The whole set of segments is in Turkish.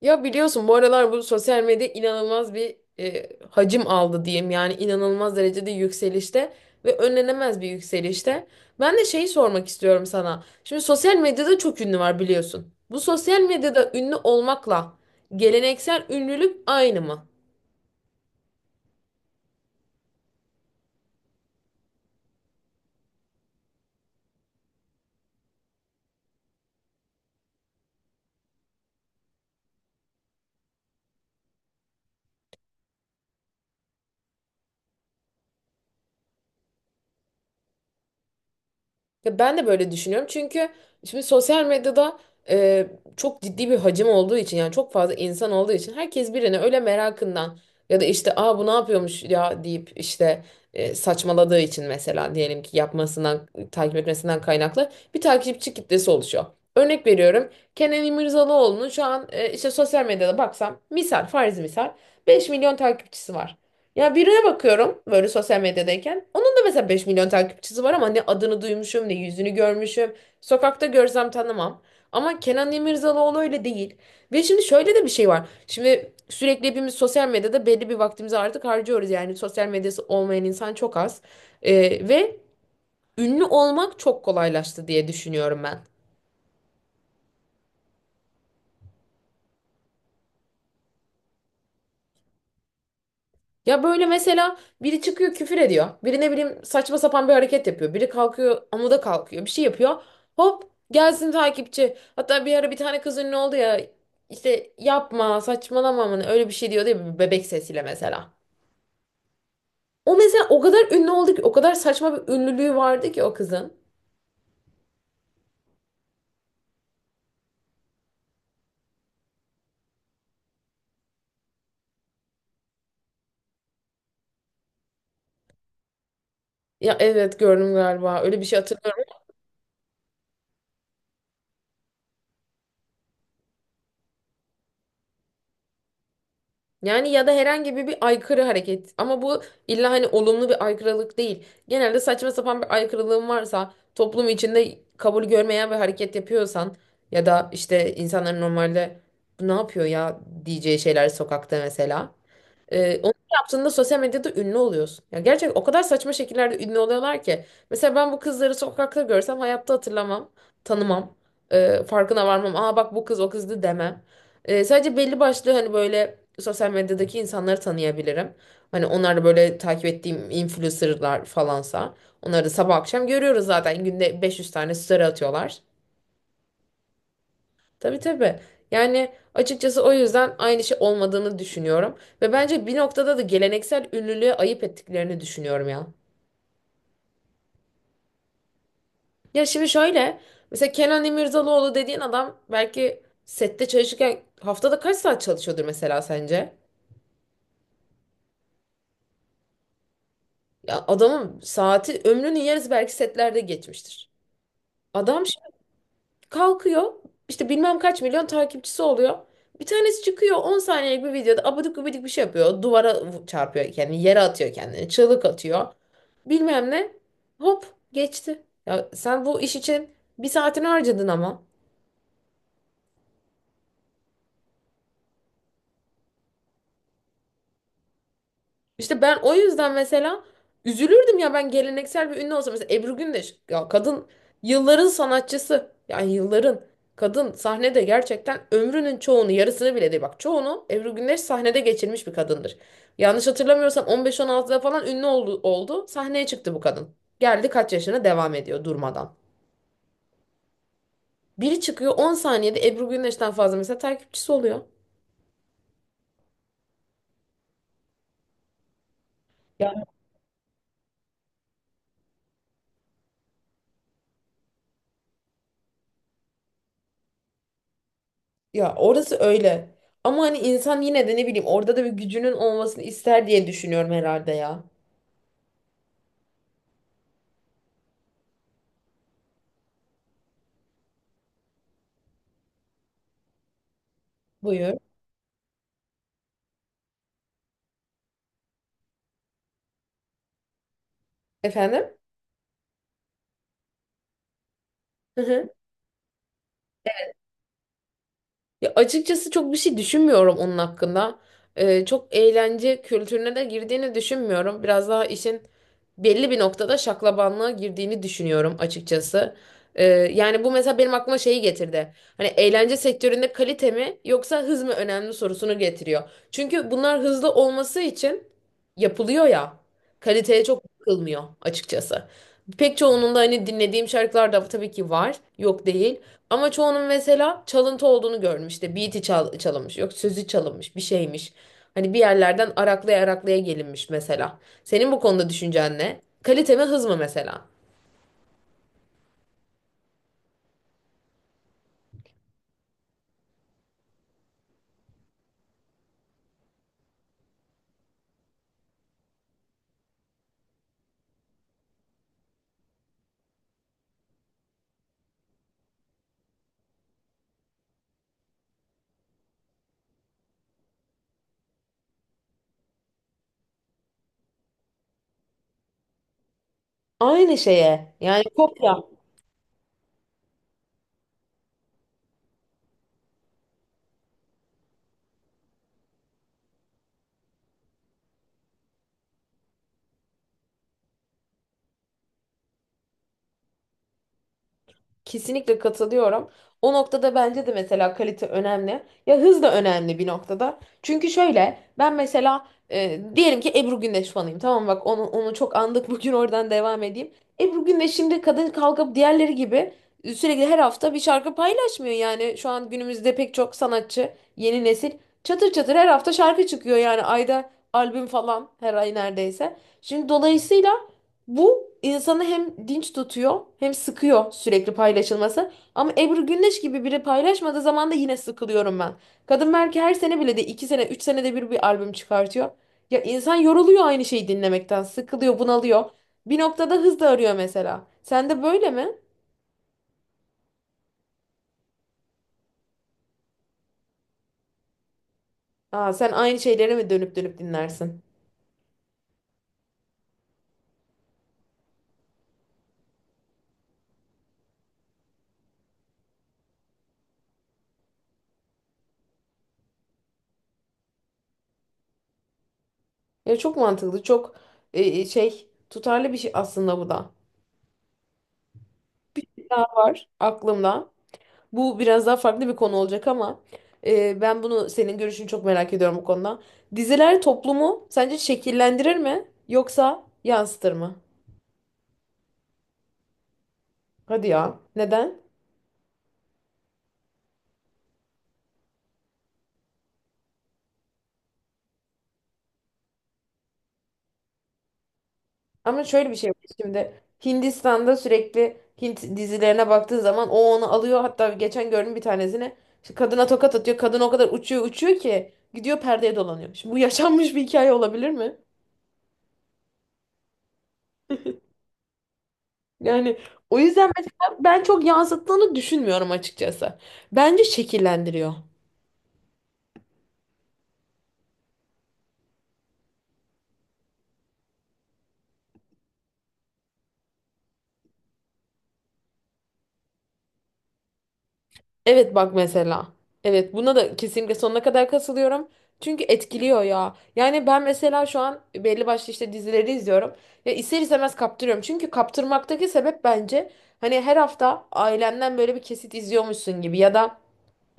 Ya biliyorsun bu aralar bu sosyal medya inanılmaz bir hacim aldı diyeyim. Yani inanılmaz derecede yükselişte ve önlenemez bir yükselişte. Ben de şeyi sormak istiyorum sana. Şimdi sosyal medyada çok ünlü var biliyorsun. Bu sosyal medyada ünlü olmakla geleneksel ünlülük aynı mı? Ya ben de böyle düşünüyorum çünkü şimdi sosyal medyada e, çok ciddi bir hacim olduğu için yani çok fazla insan olduğu için herkes birini öyle merakından ya da işte aa bu ne yapıyormuş ya deyip işte saçmaladığı için mesela diyelim ki yapmasından takip etmesinden kaynaklı bir takipçi kitlesi oluşuyor. Örnek veriyorum, Kenan İmirzalıoğlu'nun şu an işte sosyal medyada baksam misal farz misal 5 milyon takipçisi var. Ya birine bakıyorum böyle sosyal medyadayken. Onun da mesela 5 milyon takipçisi var ama ne adını duymuşum ne yüzünü görmüşüm. Sokakta görsem tanımam. Ama Kenan İmirzalıoğlu öyle değil. Ve şimdi şöyle de bir şey var. Şimdi sürekli hepimiz sosyal medyada belli bir vaktimizi artık harcıyoruz. Yani sosyal medyası olmayan insan çok az. Ve ünlü olmak çok kolaylaştı diye düşünüyorum ben. Ya böyle mesela biri çıkıyor küfür ediyor. Biri ne bileyim saçma sapan bir hareket yapıyor. Biri kalkıyor amuda kalkıyor. Bir şey yapıyor. Hop gelsin takipçi. Hatta bir ara bir tane kız ünlü oldu ya. İşte yapma saçmalama mı ne, öyle bir şey diyordu ya bir bebek sesiyle mesela. O mesela o kadar ünlü oldu ki, o kadar saçma bir ünlülüğü vardı ki o kızın. Ya evet gördüm, galiba öyle bir şey hatırlıyorum. Yani ya da herhangi bir, bir aykırı hareket. Ama bu illa hani olumlu bir aykırılık değil. Genelde saçma sapan bir aykırılığın varsa, toplum içinde kabul görmeyen bir hareket yapıyorsan ya da işte insanların normalde bu ne yapıyor ya diyeceği şeyler sokakta mesela. Onu yaptığında sosyal medyada ünlü oluyorsun. Ya gerçekten o kadar saçma şekillerde ünlü oluyorlar ki. Mesela ben bu kızları sokakta görsem hayatta hatırlamam, tanımam, farkına varmam. Aa bak bu kız o kızdı demem. Sadece belli başlı hani böyle sosyal medyadaki insanları tanıyabilirim. Hani onlar da böyle takip ettiğim influencerlar falansa. Onları da sabah akşam görüyoruz zaten. Günde 500 tane story atıyorlar. Tabii tabii. Yani açıkçası o yüzden aynı şey olmadığını düşünüyorum. Ve bence bir noktada da geleneksel ünlülüğe ayıp ettiklerini düşünüyorum ya. Ya şimdi şöyle. Mesela Kenan İmirzalıoğlu dediğin adam belki sette çalışırken haftada kaç saat çalışıyordur mesela sence? Ya adamın saati ömrünün yarısı belki setlerde geçmiştir. Adam şimdi kalkıyor, işte bilmem kaç milyon takipçisi oluyor. Bir tanesi çıkıyor 10 saniyelik bir videoda abidik gubidik bir şey yapıyor. Duvara çarpıyor kendini, yere atıyor kendini, çığlık atıyor. Bilmem ne. Hop geçti. Ya sen bu iş için bir saatini harcadın ama. İşte ben o yüzden mesela üzülürdüm ya ben geleneksel bir ünlü olsam. Mesela Ebru Gündeş, ya kadın yılların sanatçısı. Yani yılların, kadın sahnede gerçekten ömrünün çoğunu, yarısını bile değil, bak çoğunu Ebru Gündeş sahnede geçirmiş bir kadındır. Yanlış hatırlamıyorsam 15-16'da falan ünlü oldu, oldu. Sahneye çıktı bu kadın. Geldi kaç yaşına, devam ediyor durmadan. Biri çıkıyor 10 saniyede Ebru Gündeş'ten fazla mesela takipçisi oluyor. Ya orası öyle. Ama hani insan yine de ne bileyim orada da bir gücünün olmasını ister diye düşünüyorum herhalde ya. Buyur. Efendim? Hı hı. Ya açıkçası çok bir şey düşünmüyorum onun hakkında. Çok eğlence kültürüne de girdiğini düşünmüyorum. Biraz daha işin belli bir noktada şaklabanlığa girdiğini düşünüyorum açıkçası. Ee, Yani bu mesela benim aklıma şeyi getirdi. Hani eğlence sektöründe kalite mi yoksa hız mı önemli sorusunu getiriyor. Çünkü bunlar hızlı olması için yapılıyor ya. Kaliteye çok bakılmıyor açıkçası. Pek çoğunun da hani dinlediğim şarkılar da tabii ki var. Yok değil. Ama çoğunun mesela çalıntı olduğunu görmüş. İşte beat'i çalınmış. Yok sözü çalınmış. Bir şeymiş. Hani bir yerlerden araklaya araklaya gelinmiş mesela. Senin bu konuda düşüncen ne? Kalite mi hız mı mesela? Aynı şeye. Yani kopya. Kesinlikle katılıyorum. O noktada bence de mesela kalite önemli. Ya hız da önemli bir noktada. Çünkü şöyle ben mesela diyelim ki Ebru Gündeş fanıyım. Tamam bak, onu çok andık bugün, oradan devam edeyim. Ebru Gündeş şimdi kadın kalkıp diğerleri gibi sürekli her hafta bir şarkı paylaşmıyor. Yani şu an günümüzde pek çok sanatçı yeni nesil çatır çatır her hafta şarkı çıkıyor. Yani ayda albüm falan, her ay neredeyse. Şimdi dolayısıyla bu insanı hem dinç tutuyor hem sıkıyor sürekli paylaşılması. Ama Ebru Gündeş gibi biri paylaşmadığı zaman da yine sıkılıyorum ben. Kadın belki her sene bile de, 2 sene 3 senede bir bir albüm çıkartıyor. Ya insan yoruluyor aynı şeyi dinlemekten. Sıkılıyor, bunalıyor. Bir noktada hız da arıyor mesela. Sen de böyle mi? Aa, sen aynı şeyleri mi dönüp dönüp dinlersin? Ya çok mantıklı, çok tutarlı bir şey aslında bu da. Bir daha var aklımda. Bu biraz daha farklı bir konu olacak ama ben bunu, senin görüşünü çok merak ediyorum bu konuda. Diziler toplumu sence şekillendirir mi yoksa yansıtır mı? Hadi ya. Neden? Ama şöyle bir şey var şimdi. Hindistan'da sürekli Hint dizilerine baktığın zaman o onu alıyor. Hatta geçen gördüm bir tanesini. İşte kadına tokat atıyor. Kadın o kadar uçuyor uçuyor ki gidiyor perdeye dolanıyor. Şimdi bu yaşanmış bir hikaye olabilir mi? Yani o yüzden mesela ben çok yansıttığını düşünmüyorum açıkçası. Bence şekillendiriyor. Evet bak mesela. Evet, buna da kesinlikle sonuna kadar katılıyorum. Çünkü etkiliyor ya. Yani ben mesela şu an belli başlı işte dizileri izliyorum. Ya ister istemez kaptırıyorum. Çünkü kaptırmaktaki sebep bence, hani her hafta ailenden böyle bir kesit izliyormuşsun gibi ya da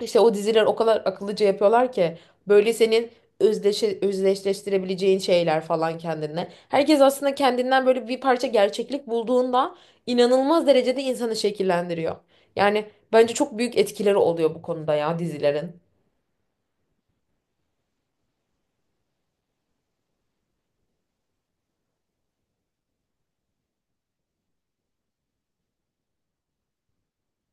İşte o diziler o kadar akıllıca yapıyorlar ki böyle senin özdeşleştirebileceğin şeyler falan kendine. Herkes aslında kendinden böyle bir parça gerçeklik bulduğunda inanılmaz derecede insanı şekillendiriyor. Yani bence çok büyük etkileri oluyor bu konuda ya dizilerin.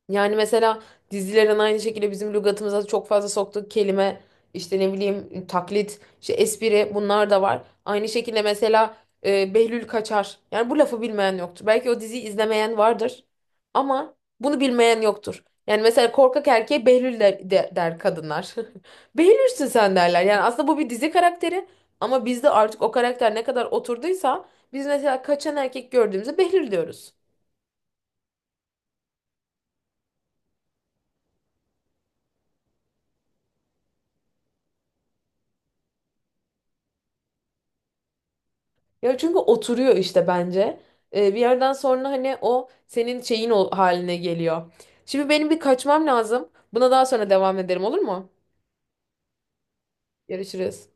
Yani mesela dizilerin aynı şekilde bizim lügatımıza çok fazla soktuğu kelime, işte ne bileyim taklit, işte espri bunlar da var. Aynı şekilde mesela Behlül Kaçar. Yani bu lafı bilmeyen yoktur. Belki o diziyi izlemeyen vardır ama bunu bilmeyen yoktur. Yani mesela korkak erkeğe Behlül der kadınlar. Behlülsün sen derler. Yani aslında bu bir dizi karakteri ama bizde artık o karakter ne kadar oturduysa biz mesela kaçan erkek gördüğümüzde Behlül diyoruz. Ya çünkü oturuyor işte bence. Bir yerden sonra hani o senin şeyin haline geliyor. Şimdi benim bir kaçmam lazım. Buna daha sonra devam ederim, olur mu? Görüşürüz.